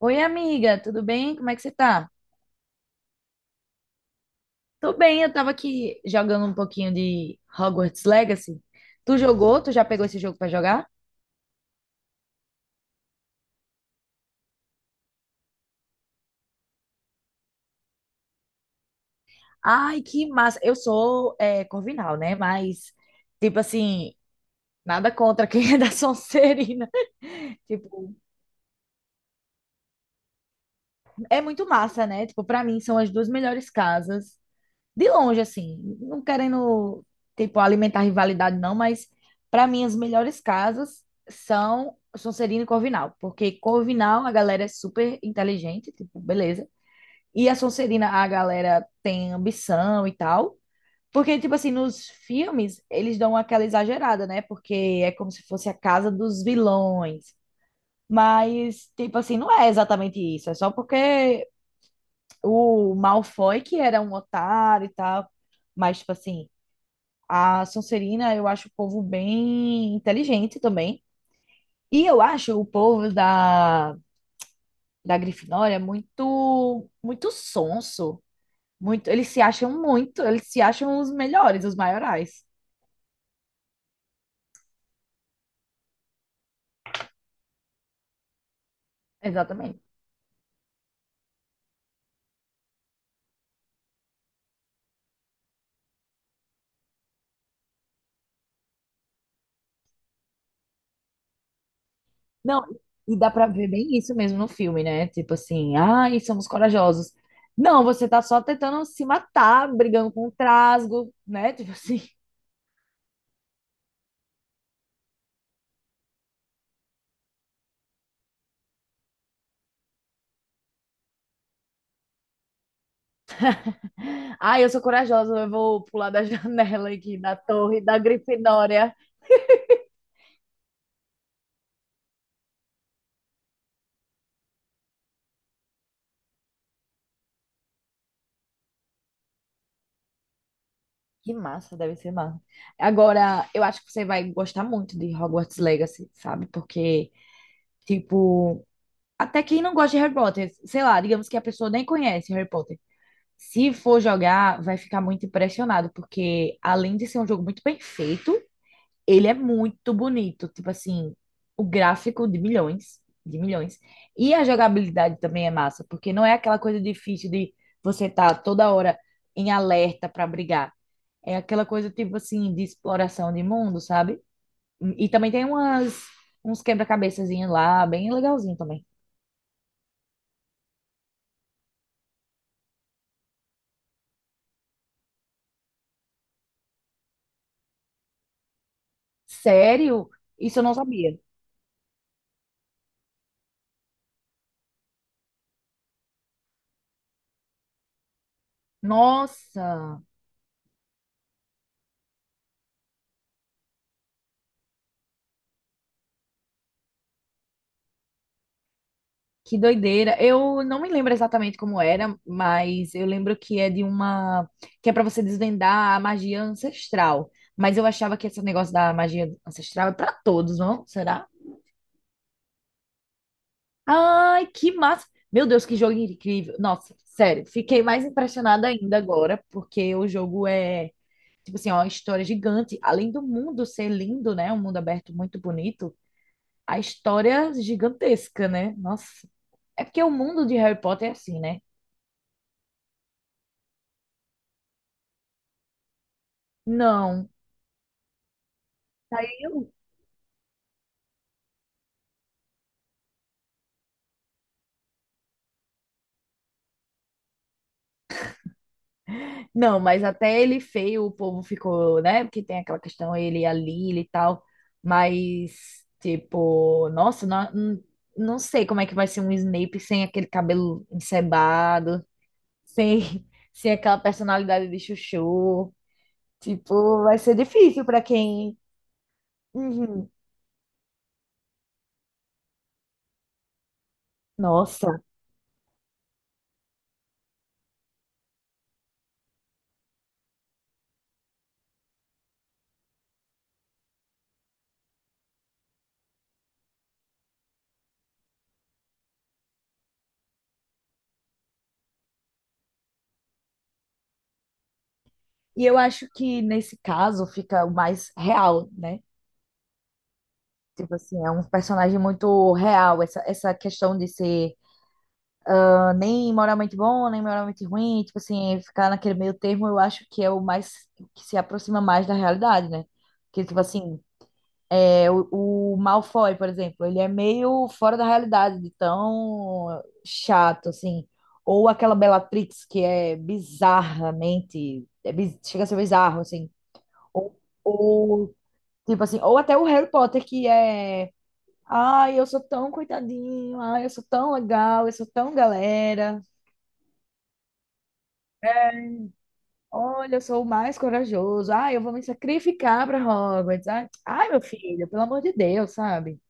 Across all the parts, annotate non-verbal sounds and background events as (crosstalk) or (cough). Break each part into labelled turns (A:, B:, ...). A: Oi, amiga, tudo bem? Como é que você tá? Tô bem, eu tava aqui jogando um pouquinho de Hogwarts Legacy. Tu jogou? Tu já pegou esse jogo pra jogar? Ai, que massa! Eu sou é, Corvinal, né? Mas, tipo assim, nada contra quem (laughs) é da Sonserina. Tipo, é muito massa, né? Tipo, pra mim são as duas melhores casas. De longe, assim, não querendo, tipo, alimentar rivalidade, não, mas para mim as melhores casas são Sonserina e Corvinal, porque Corvinal a galera é super inteligente, tipo, beleza. E a Sonserina a galera tem ambição e tal. Porque, tipo assim, nos filmes eles dão aquela exagerada, né? Porque é como se fosse a casa dos vilões. Mas, tipo assim, não é exatamente isso. É só porque o Malfoy, que era um otário e tal. Mas, tipo assim, a Sonserina, eu acho o povo bem inteligente também. E eu acho o povo da Grifinória muito, muito sonso. Muito, eles se acham os melhores, os maiorais. Exatamente. Não, e dá pra ver bem isso mesmo no filme, né? Tipo assim, ai, somos corajosos. Não, você tá só tentando se matar, brigando com o trasgo, né? Tipo assim, (laughs) ai, eu sou corajosa, eu vou pular da (laughs) janela aqui da torre da Grifinória. Que massa, deve ser massa. Agora, eu acho que você vai gostar muito de Hogwarts Legacy, sabe? Porque, tipo, até quem não gosta de Harry Potter, sei lá, digamos que a pessoa nem conhece Harry Potter. Se for jogar, vai ficar muito impressionado, porque além de ser um jogo muito bem feito, ele é muito bonito, tipo assim, o gráfico de milhões, de milhões. E a jogabilidade também é massa, porque não é aquela coisa difícil de você estar toda hora em alerta para brigar. É aquela coisa tipo assim de exploração de mundo, sabe? E também tem umas uns quebra-cabeçazinhos lá, bem legalzinho também. Sério? Isso eu não sabia. Nossa! Que doideira. Eu não me lembro exatamente como era, mas eu lembro que é de uma que é para você desvendar a magia ancestral. Mas eu achava que esse negócio da magia ancestral é para todos, não? Será? Ai, que massa! Meu Deus, que jogo incrível. Nossa, sério, fiquei mais impressionada ainda agora, porque o jogo é, tipo assim, ó, uma história gigante. Além do mundo ser lindo, né? Um mundo aberto muito bonito, a história é gigantesca, né? Nossa. É porque o mundo de Harry Potter é assim, né? Não. Saiu? Não, mas até ele feio, o povo ficou, né? Porque tem aquela questão, ele e a Lily e tal. Mas, tipo, nossa, não, não sei como é que vai ser um Snape sem aquele cabelo encebado, sem, (laughs) sem aquela personalidade de chuchu. Tipo, vai ser difícil para quem. Uhum. Nossa. E eu acho que nesse caso fica o mais real, né? Tipo assim, é um personagem muito real, essa questão de ser nem moral muito bom, nem moral muito ruim, tipo assim, ficar naquele meio termo, eu acho que é o mais que se aproxima mais da realidade, né? Porque, tipo assim, o Malfoy, por exemplo, ele é meio fora da realidade, de tão chato, assim. Ou aquela Bellatrix, que é bizarramente, chega a ser bizarro, assim. Ou, ou, tipo assim, ou até o Harry Potter, que é. Ai, eu sou tão coitadinho, ai, eu sou tão legal, eu sou tão galera. Olha, eu sou o mais corajoso. Ah, eu vou me sacrificar para Hogwarts. Ai, ai, meu filho, pelo amor de Deus, sabe?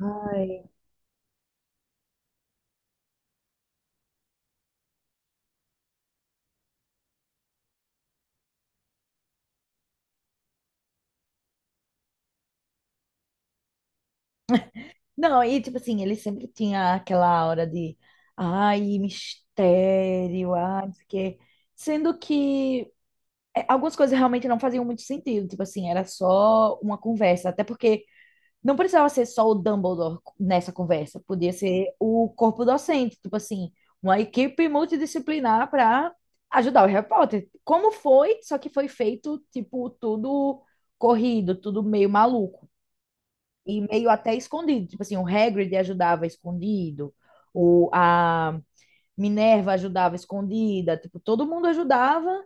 A: Ai. Não, e tipo assim, ele sempre tinha aquela aura de ai, mistério, ai, não sei o quê. Sendo que é, algumas coisas realmente não faziam muito sentido. Tipo assim, era só uma conversa. Até porque não precisava ser só o Dumbledore nessa conversa, podia ser o corpo docente, tipo assim, uma equipe multidisciplinar para ajudar o Harry Potter. Como foi, só que foi feito, tipo, tudo corrido, tudo meio maluco e meio até escondido. Tipo assim, o Hagrid ajudava escondido, o, a Minerva ajudava escondida, tipo, todo mundo ajudava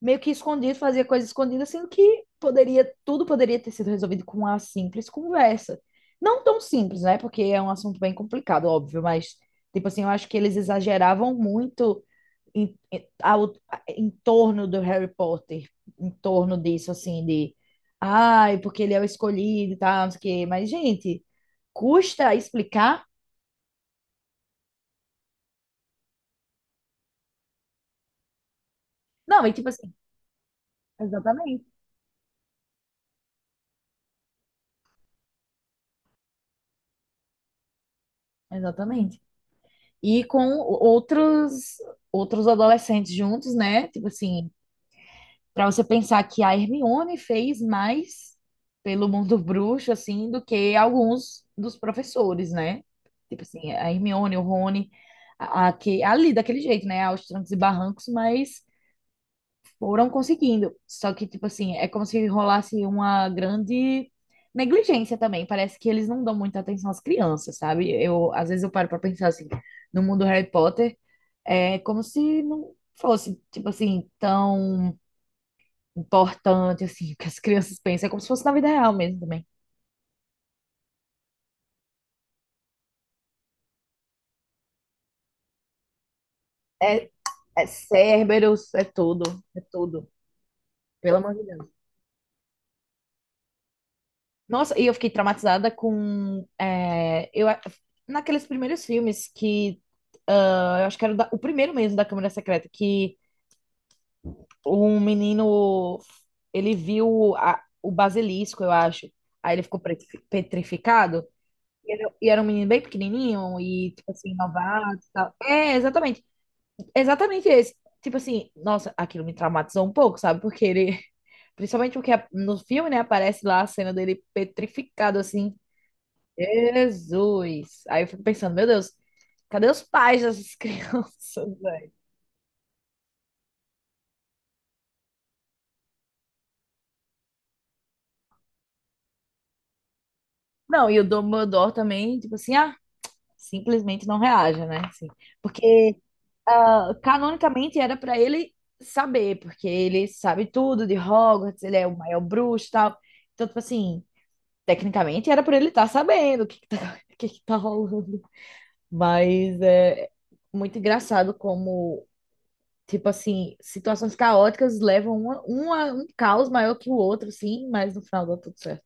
A: meio que escondido, fazia coisas escondidas, sendo que poderia, tudo poderia ter sido resolvido com uma simples conversa. Não tão simples, né? Porque é um assunto bem complicado, óbvio, mas, tipo assim, eu acho que eles exageravam muito em, em, ao, em torno do Harry Potter, em torno disso, assim, de. Ai, porque ele é o escolhido e tal, não sei o quê. Mas, gente, custa explicar? Não, e tipo assim, exatamente, exatamente. E com outros adolescentes juntos, né? Tipo assim, para você pensar que a Hermione fez mais pelo mundo (laughs) bruxo assim do que alguns dos professores, né? Tipo assim, a Hermione, o Rony, ali daquele jeito, né? Aos trancos e barrancos, mas foram conseguindo. Só que tipo assim, é como se rolasse uma grande negligência também. Parece que eles não dão muita atenção às crianças, sabe? Eu às vezes eu paro para pensar assim, no mundo Harry Potter é como se não fosse, tipo assim, tão importante assim, que as crianças pensam. É como se fosse na vida real mesmo também. É, é Cerberus, é tudo, é tudo. Pelo amor de Deus. Nossa, e eu fiquei traumatizada com. Naqueles primeiros filmes que. Ah, eu acho que era o primeiro mesmo da Câmara Secreta, que um menino. Ele viu o basilisco, eu acho. Aí ele ficou petrificado. E era um menino bem pequenininho e, tipo assim, novato e tal. É, exatamente. Exatamente esse. Tipo assim, nossa, aquilo me traumatizou um pouco, sabe? Porque ele, (laughs) principalmente porque no filme, né, aparece lá a cena dele petrificado, assim. Jesus! Aí eu fico pensando, meu Deus, cadê os pais dessas (laughs) crianças, velho? Não, e o Dumbledore também, tipo assim, ah, simplesmente não reage, né? Assim, porque ah, canonicamente era pra ele saber, porque ele sabe tudo de Hogwarts, ele é o maior bruxo e tal. Então, tipo assim, tecnicamente era pra ele estar sabendo o que que tá, (laughs) o que que tá rolando. Mas é muito engraçado como, tipo assim, situações caóticas levam uma, um caos maior que o outro, sim, mas no final dá tudo certo.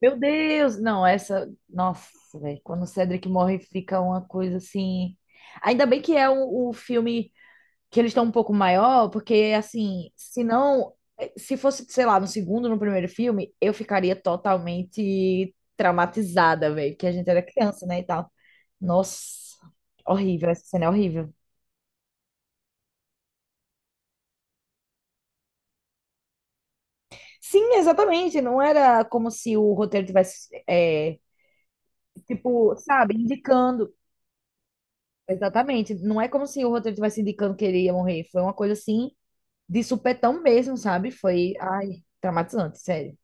A: Meu Deus! Não, essa. Nossa, velho. Quando o Cedric morre, fica uma coisa assim. Ainda bem que é o filme que eles estão um pouco maior, porque assim, se não, se fosse, sei lá, no segundo, no primeiro filme, eu ficaria totalmente traumatizada, velho, que a gente era criança, né, e tal. Nossa, horrível, essa cena é horrível. Sim, exatamente, não era como se o roteiro tivesse, é, tipo, sabe, indicando. Exatamente, não é como se o roteiro tivesse indicando que ele ia morrer, foi uma coisa assim, de supetão mesmo, sabe? Foi, ai, traumatizante, sério.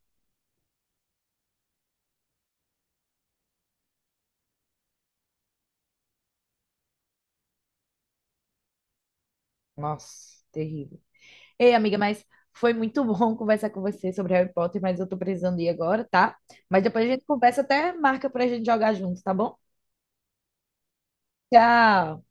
A: Nossa, terrível. Ei, amiga, mas foi muito bom (laughs) conversar com você sobre Harry Potter, mas eu tô precisando ir agora, tá? Mas depois a gente conversa até marca pra gente jogar junto, tá bom? Tchau!